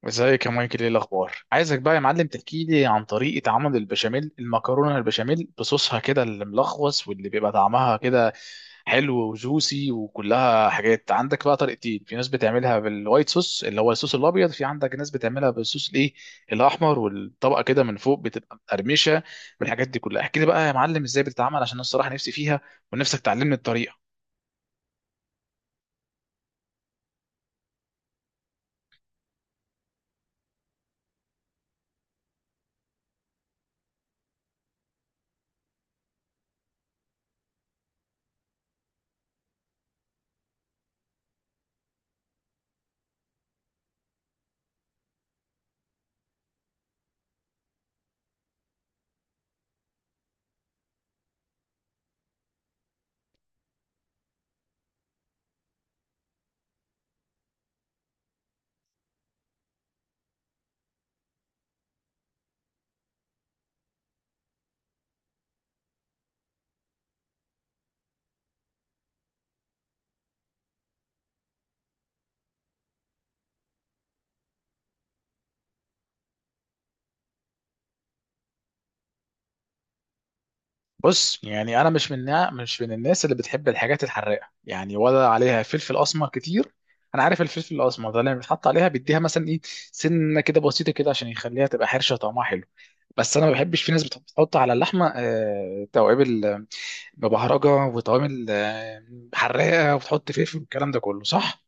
ازيك يا مايكل، ايه الاخبار؟ عايزك بقى يا معلم تحكي لي عن طريقه عمل البشاميل المكرونه، البشاميل بصوصها كده اللي ملخص واللي بيبقى طعمها كده حلو وجوسي وكلها حاجات. عندك بقى طريقتين، في ناس بتعملها بالوايت صوص اللي هو الصوص الابيض، في عندك ناس بتعملها بالصوص الايه الاحمر والطبقه كده من فوق بتبقى مقرمشه. والحاجات دي كلها احكي لي بقى يا معلم ازاي بتتعمل، عشان انا الصراحه نفسي فيها ونفسك تعلمني الطريقه. بص يعني انا مش من الناس اللي بتحب الحاجات الحراقه، يعني ولا عليها فلفل اسمر كتير. انا عارف الفلفل الاسمر ده لما بيتحط عليها بيديها مثلا ايه، سنه كده بسيطه كده عشان يخليها تبقى حرشه طعمها حلو. بس انا ما بحبش، في ناس بتحط على اللحمه توابل، ببهرجه وتوابل حراقه، وتحط فلفل والكلام ده كله، صح؟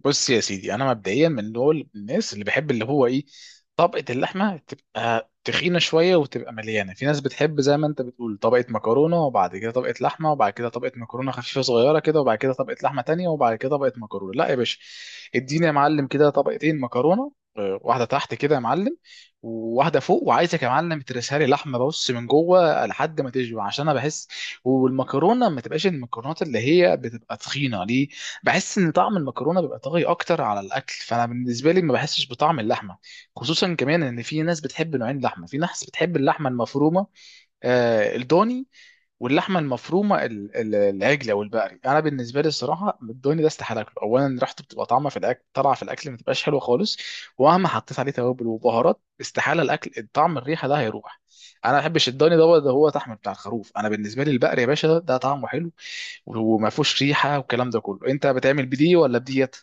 بص يا سيدي، انا مبدئيا من دول الناس اللي بحب اللي هو ايه، طبقه اللحمه تبقى تخينه شويه وتبقى مليانه. في ناس بتحب زي ما انت بتقول طبقه مكرونه وبعد كده طبقه لحمه وبعد كده طبقه مكرونه خفيفه صغيره كده وبعد كده طبقه لحمه تانية وبعد كده طبقه مكرونه. لا يا باشا، اديني يا معلم كده طبقتين مكرونه، واحده تحت كده يا معلم وواحده فوق، وعايزك يا معلم ترسها لي لحمه، بص من جوه لحد ما تشبع، عشان انا بحس والمكرونه ما تبقاش المكرونات اللي هي بتبقى تخينه. ليه؟ بحس ان طعم المكرونه بيبقى طاغي اكتر على الاكل، فانا بالنسبه لي ما بحسش بطعم اللحمه. خصوصا كمان ان في ناس بتحب نوعين لحمه، في ناس بتحب اللحمه المفرومه، آه الضاني، واللحمه المفرومه العجل او البقري. انا بالنسبه لي الصراحه الدوني ده استحاله اكله، اولا ريحته بتبقى طعمه في الاكل طالعه في الاكل ما تبقاش حلوه خالص، ومهما حطيت عليه توابل وبهارات استحاله الاكل الطعم الريحه ده هيروح. انا ما بحبش الدوني ده، ده هو طعم بتاع الخروف. انا بالنسبه لي البقري يا باشا، ده طعمه حلو وما فيهوش ريحه والكلام ده كله. انت بتعمل بدي ولا بديت؟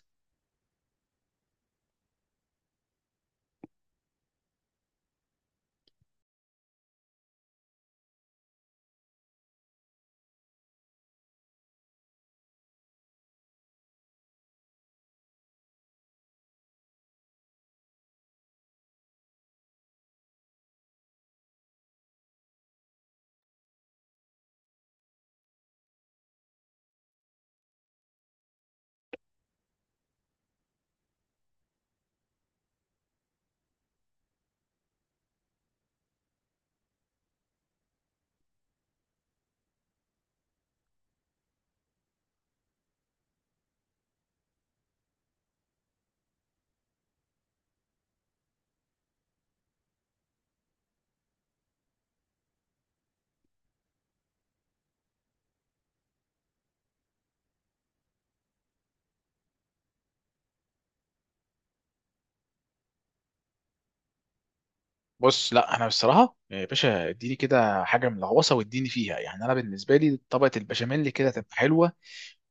بص لا، انا بصراحه يا باشا اديني كده حاجه من الغوصه واديني فيها، يعني انا بالنسبه لي طبقه البشاميل كده تبقى حلوه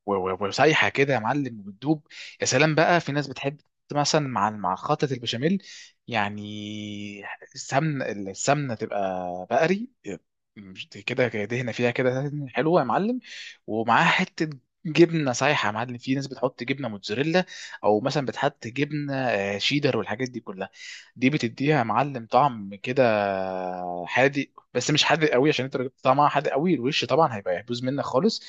وسايحه كده يا معلم وبتدوب. يا سلام بقى! في ناس بتحب مثلا مع خلطه البشاميل، يعني السمن، السمنه تبقى بقري، مش كده كده دهنه فيها كده حلوه يا معلم، ومعاها حته جبنه سايحه يا معلم. في ناس بتحط جبنه موتزاريلا، او مثلا بتحط جبنه شيدر والحاجات دي كلها، دي بتديها يا معلم طعم كده حادق. بس مش حادق قوي، عشان انت لو جبت طعمها حادق قوي الوش طبعا هيبقى يبوظ منك خالص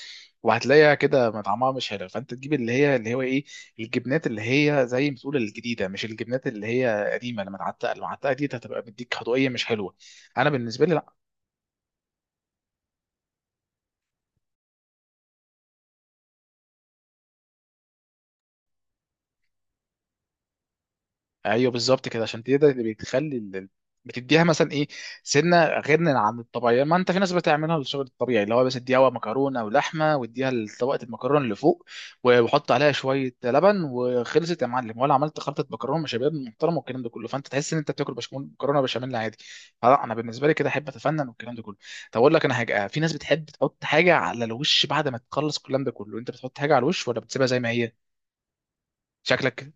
وهتلاقيها كده ما طعمها مش حلو، فانت تجيب اللي هي اللي هو ايه، الجبنات اللي هي زي ما تقول الجديده، مش الجبنات اللي هي قديمه، لما تعتق المعتقه دي هتبقى بتديك خطويه مش حلوه. انا بالنسبه لي ايوه بالظبط كده، عشان دي ده اللي بتخلي بتديها مثلا ايه سنه غير عن الطبيعيه. ما انت في ناس بتعملها للشغل الطبيعي اللي هو بس اديها مكرونه ولحمه واديها طبقه المكرونه اللي فوق وحط عليها شويه لبن وخلصت يا معلم، ولا عملت خلطه مكرونه شباب محترمه والكلام ده كله، فانت تحس ان انت بتاكل بشاميل مكرونه بشاميل عادي. لا انا بالنسبه لي كده احب اتفنن والكلام ده كله. طب اقول لك انا حاجه، في ناس بتحب تحط حاجه على الوش بعد ما تخلص الكلام ده كله، انت بتحط حاجه على الوش ولا بتسيبها زي ما هي؟ شكلك.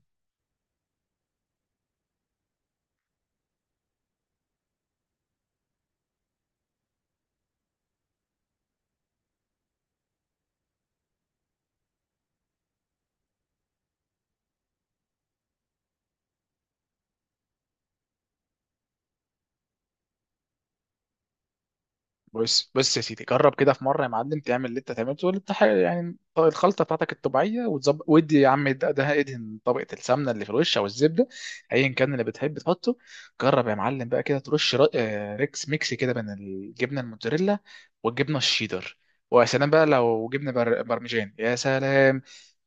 بص يا سيدي، جرب كده في مره يا معلم تعمل اللي انت تعمله، ولا الخلطه بتاعتك الطبيعيه وتظبط، ودي يا عم ده ادهن طبقه السمنه اللي في الوش او الزبده، ايا كان اللي بتحب تحطه. جرب يا معلم بقى كده ترش ريكس ميكس كده بين الجبنه الموتزاريلا والجبنه الشيدر، ويا سلام بقى لو جبنه برمجان، يا سلام!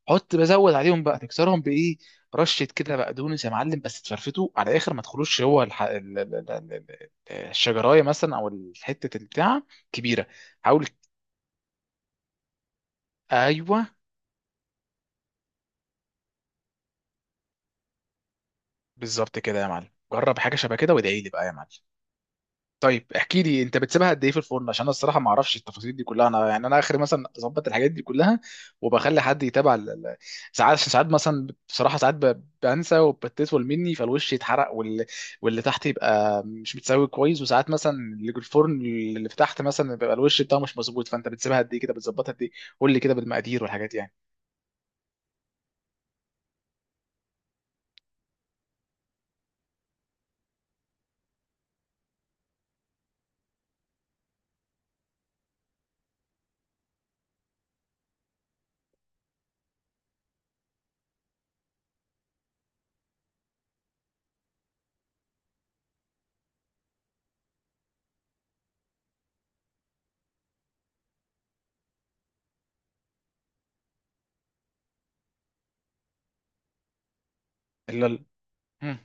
حط بزود عليهم بقى، تكسرهم بايه؟ رشه كده بقدونس يا معلم، بس تفرفته على الاخر ما تخلوش هو الشجرايه مثلا او حته البتاع كبيره. حاول. ايوه بالظبط كده يا معلم، جرب حاجه شبه كده وادعي لي بقى يا معلم. طيب احكي لي، انت بتسيبها قد ايه في الفرن؟ عشان انا الصراحه ما اعرفش التفاصيل دي كلها. انا يعني انا اخر مثلا اظبط الحاجات دي كلها، وبخلي حد يتابع ساعات، ساعات مثلا بصراحه ساعات بنسى وبتطول مني فالوش يتحرق واللي تحت يبقى مش متساوي كويس، وساعات مثلا اللي في الفرن اللي في تحت مثلا بيبقى الوش بتاعه مش مظبوط. فانت بتسيبها قد ايه كده؟ بتظبطها قد ايه؟ قول لي كده بالمقادير والحاجات، يعني. إمم.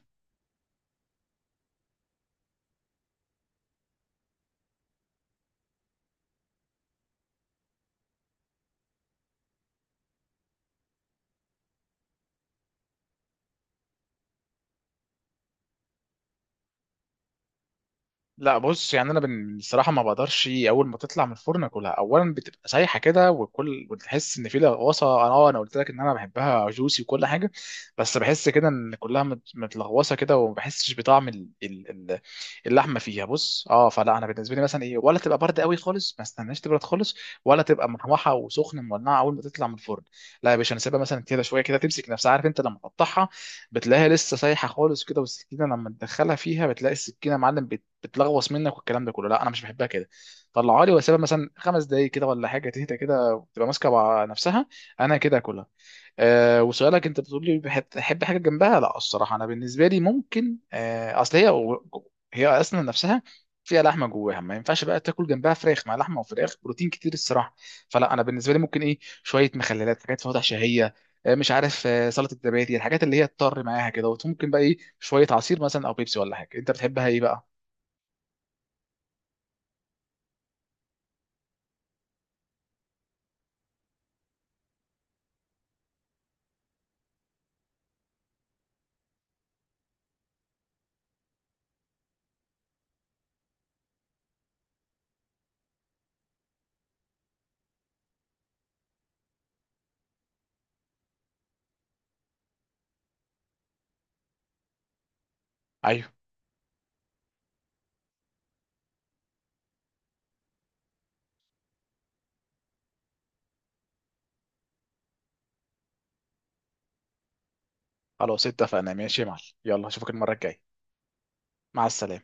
لا بص، يعني انا الصراحه ما بقدرش اول ما تطلع من الفرن اكلها، اولا بتبقى سايحه كده وكل وتحس ان في لغوصه. انا اه انا قلت لك ان انا بحبها جوسي وكل حاجه، بس بحس كده ان كلها متلغوصه كده وما بحسش بطعم اللحمه فيها، بص اه. فلا انا بالنسبه لي مثلا ايه، ولا تبقى بارده قوي خالص ما استناش تبرد خالص، ولا تبقى محمحه وسخنه مولعه اول ما تطلع من الفرن. لا يا باشا، انا سيبها مثلا كده شويه كده تمسك نفسها. عارف انت لما تقطعها بتلاقيها لسه سايحه خالص كده، والسكينه لما تدخلها فيها بتلاقي السكينه يا معلم بتلغوص منك والكلام ده كله، لا انا مش بحبها كده. طلعها لي واسيبها مثلا 5 دقايق كده ولا حاجه تهدى كده وتبقى ماسكه مع نفسها، انا كده اكلها. أه، وسؤالك انت بتقول لي بحب تحب حاجه جنبها، لا الصراحه انا بالنسبه لي ممكن، أه اصل هي، هي اصلا نفسها فيها لحمه جواها، ما ينفعش بقى تاكل جنبها فراخ، مع لحمه وفراخ بروتين كتير الصراحه. فلا انا بالنسبه لي ممكن ايه شويه مخللات، حاجات فواتح شهيه، مش عارف، سلطه الزبادي، الحاجات اللي هي تضطر معاها كده، وممكن بقى ايه شويه عصير مثلا او بيبسي ولا حاجه، انت بتحبها ايه بقى؟ ايوه خلاص اتفقنا، ماشي يا معلم، يلا اشوفك المرة الجاية. مع السلامة.